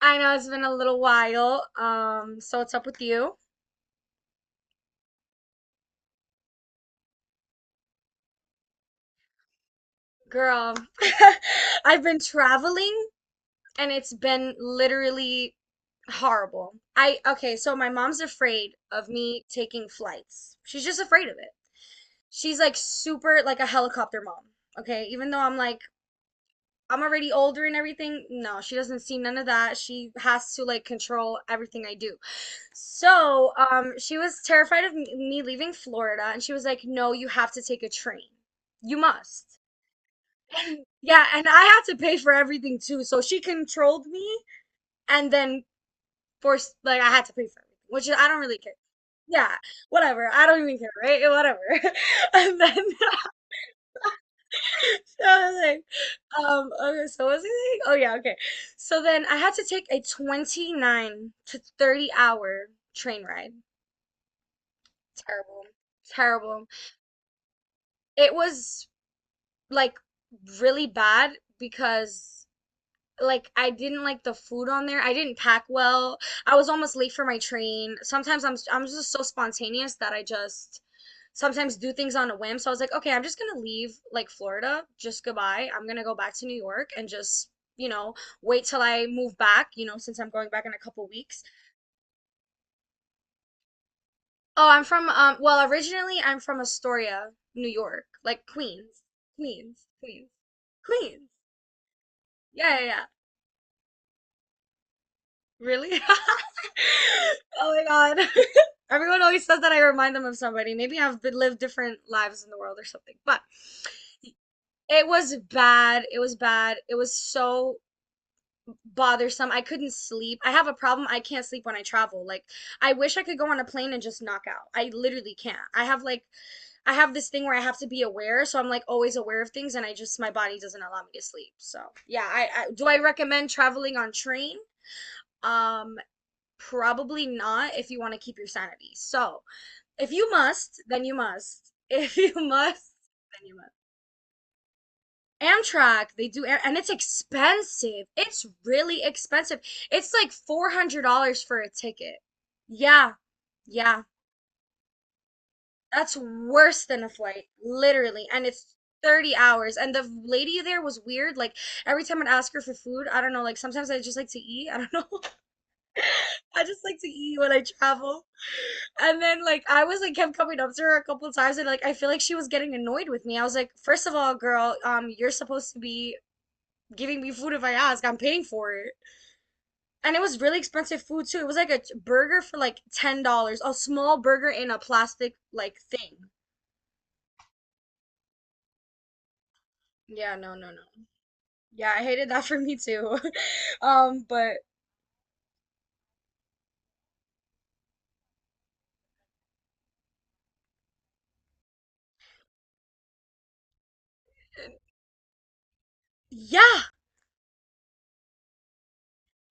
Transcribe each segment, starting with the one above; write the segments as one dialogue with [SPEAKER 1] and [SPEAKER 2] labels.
[SPEAKER 1] I know it's been a little while. So what's up with you? Girl, I've been traveling and it's been literally horrible. I okay, so my mom's afraid of me taking flights. She's just afraid of it. She's like super like a helicopter mom. Okay, even though I'm like I'm already older and everything. No, she doesn't see none of that. She has to like control everything I do. So, she was terrified of me leaving Florida, and she was like, "No, you have to take a train. You must." And yeah, and I had to pay for everything too. So she controlled me and then forced like I had to pay for everything, which I don't really care. Yeah, whatever. I don't even care, right? Whatever. And then so I was like, okay, so what was I saying? Oh yeah, okay. So then I had to take a 29 to 30 hour train ride. Terrible. Terrible. It was like really bad because like I didn't like the food on there. I didn't pack well. I was almost late for my train. Sometimes I'm just so spontaneous that I just sometimes do things on a whim. So I was like, okay, I'm just gonna leave like Florida. Just goodbye. I'm gonna go back to New York and just, you know, wait till I move back, since I'm going back in a couple weeks. Oh, I'm from well, originally I'm from Astoria, New York, like Queens. Queens, Queens, Queens. Yeah, yeah, yeah. Really? Oh my God. Everyone always says that I remind them of somebody. Maybe I've been, lived different lives in the world or something. But it was bad. It was bad. It was so bothersome. I couldn't sleep. I have a problem. I can't sleep when I travel. Like, I wish I could go on a plane and just knock out. I literally can't. I have like, I have this thing where I have to be aware, so I'm like always aware of things, and I just my body doesn't allow me to sleep. So yeah, I do I recommend traveling on train? Um, Probably not if you want to keep your sanity. So, if you must, then you must. If you must, then you must. Amtrak, they do and it's expensive. It's really expensive. It's like $400 for a ticket. Yeah, yeah. That's worse than a flight, literally. And it's 30 hours. And the lady there was weird. Like, every time I'd ask her for food, I don't know, like sometimes I just like to eat. I don't know. I just like to eat when I travel. And then like I was like kept coming up to her a couple times and like I feel like she was getting annoyed with me. I was like, first of all, girl, you're supposed to be giving me food if I ask. I'm paying for it. And it was really expensive food too. It was like a burger for like $10, a small burger in a plastic like thing. Yeah, no, no, no. Yeah, I hated that for me too. But yeah,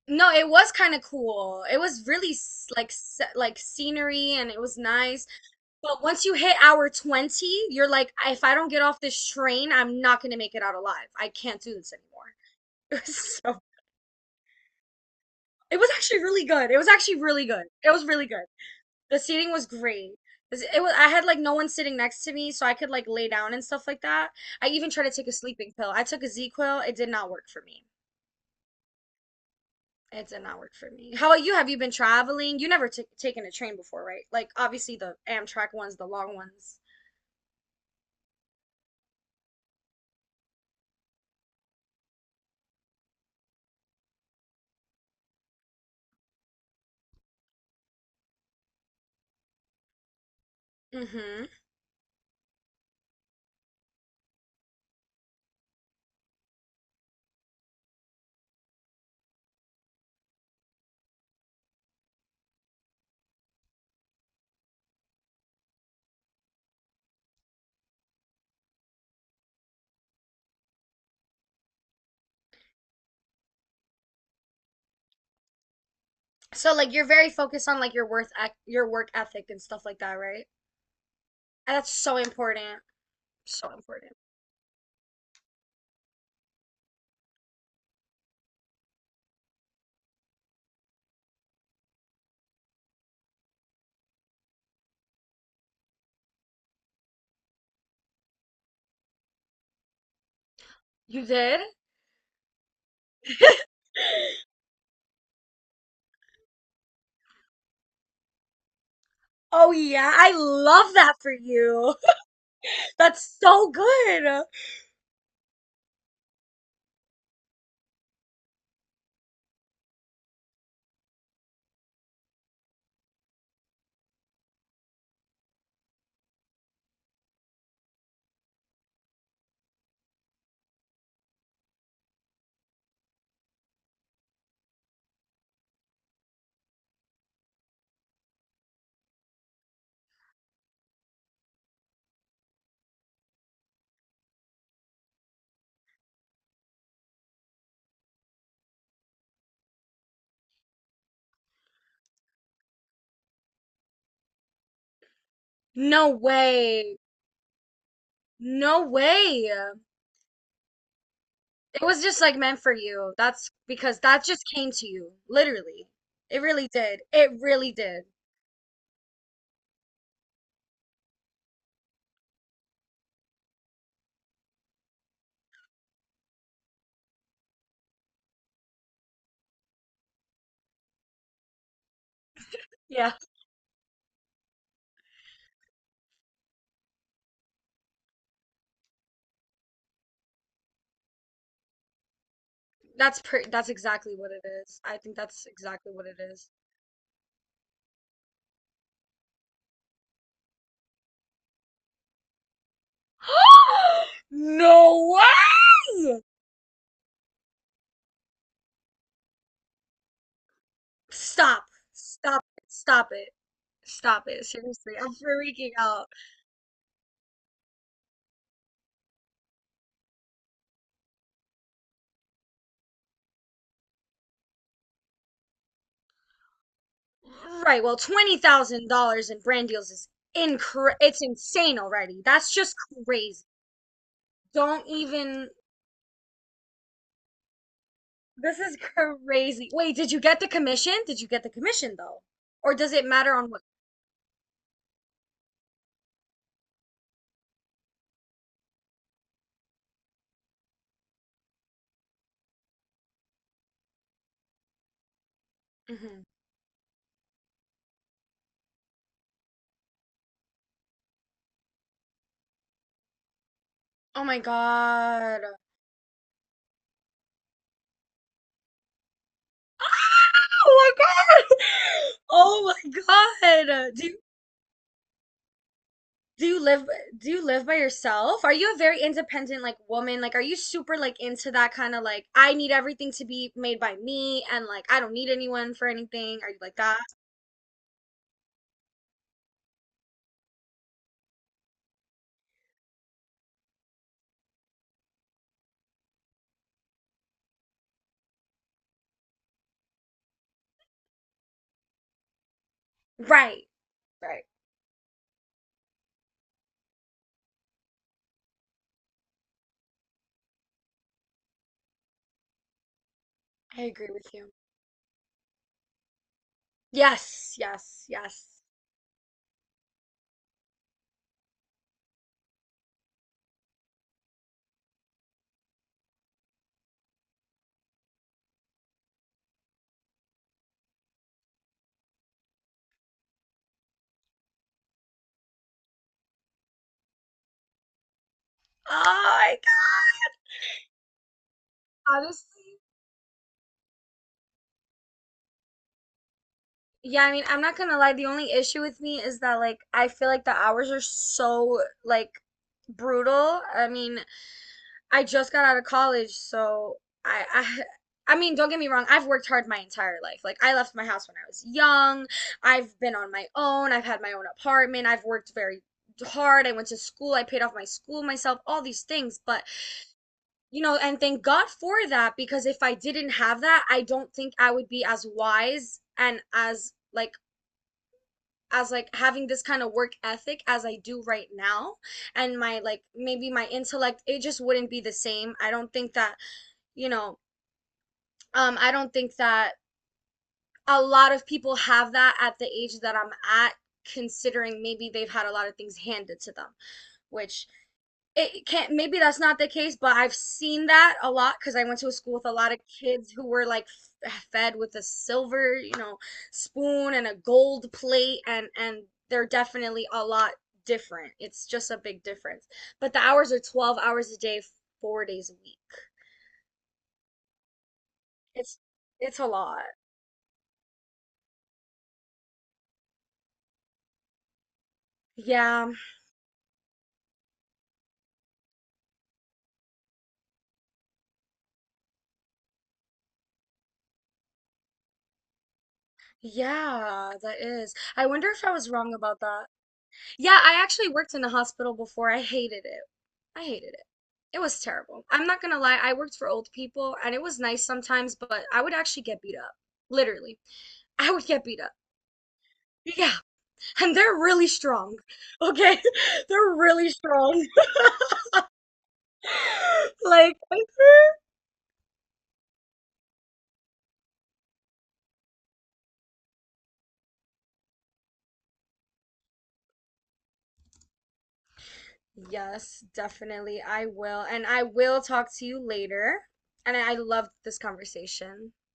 [SPEAKER 1] no, it was kind of cool. It was really like scenery and it was nice. But once you hit hour 20, you're like, if I don't get off this train, I'm not going to make it out alive. I can't do this anymore. It was so, it was actually really good. It was actually really good. It was really good. The seating was great. It was, I had like no one sitting next to me, so I could like lay down and stuff like that. I even tried to take a sleeping pill. I took a Z-Quil. It did not work for me. It did not work for me. How about you? Have you been traveling? You never took taken a train before, right? Like obviously the Amtrak ones, the long ones. Hmm. So like you're very focused on like your worth your work ethic and stuff like that, right? And that's so important. So important. You did? Oh yeah, I love that for you. That's so good. No way. No way. It was just like meant for you. That's because that just came to you, literally. It really did. It really did. Yeah. That's per that's exactly what it is. I think that's exactly what it is. No way! Stop. Stop it. Stop it. Stop it. Seriously, I'm freaking out. Right, well, $20,000 in brand deals is it's insane already. That's just crazy. Don't even This is crazy. Wait, did you get the commission? Did you get the commission though? Or does it matter on what? Hmm. Oh my God. Oh my God. Oh my God. Do you live do you live by yourself? Are you a very independent like woman? Like are you super like into that kind of like I need everything to be made by me and like I don't need anyone for anything? Are you like that? Right. Right. I agree with you. Yes, yes, yes. Oh my God. Honestly. Yeah, I mean, I'm not gonna lie. The only issue with me is that like I feel like the hours are so like brutal. I mean, I just got out of college, so I, I I mean, don't get me wrong, I've worked hard my entire life. Like I left my house when I was young. I've been on my own. I've had my own apartment. I've worked very hard. I went to school. I paid off my school myself, all these things, but you know, and thank God for that because if I didn't have that, I don't think I would be as wise and as like having this kind of work ethic as I do right now and my like maybe my intellect it just wouldn't be the same. I don't think that you know, I don't think that a lot of people have that at the age that I'm at, considering maybe they've had a lot of things handed to them, which it can't, maybe that's not the case, but I've seen that a lot because I went to a school with a lot of kids who were like fed with a silver, spoon and a gold plate, and they're definitely a lot different. It's just a big difference. But the hours are 12 hours a day, 4 days a week. It's it's a lot. Yeah. Yeah, that is. I wonder if I was wrong about that. Yeah, I actually worked in a hospital before. I hated it. I hated it. It was terrible. I'm not gonna lie, I worked for old people and it was nice sometimes, but I would actually get beat up. Literally. I would get beat up. Yeah, and they're really strong. Okay? They're really strong. Like, yes, definitely. I will. And I will talk to you later. And I loved this conversation.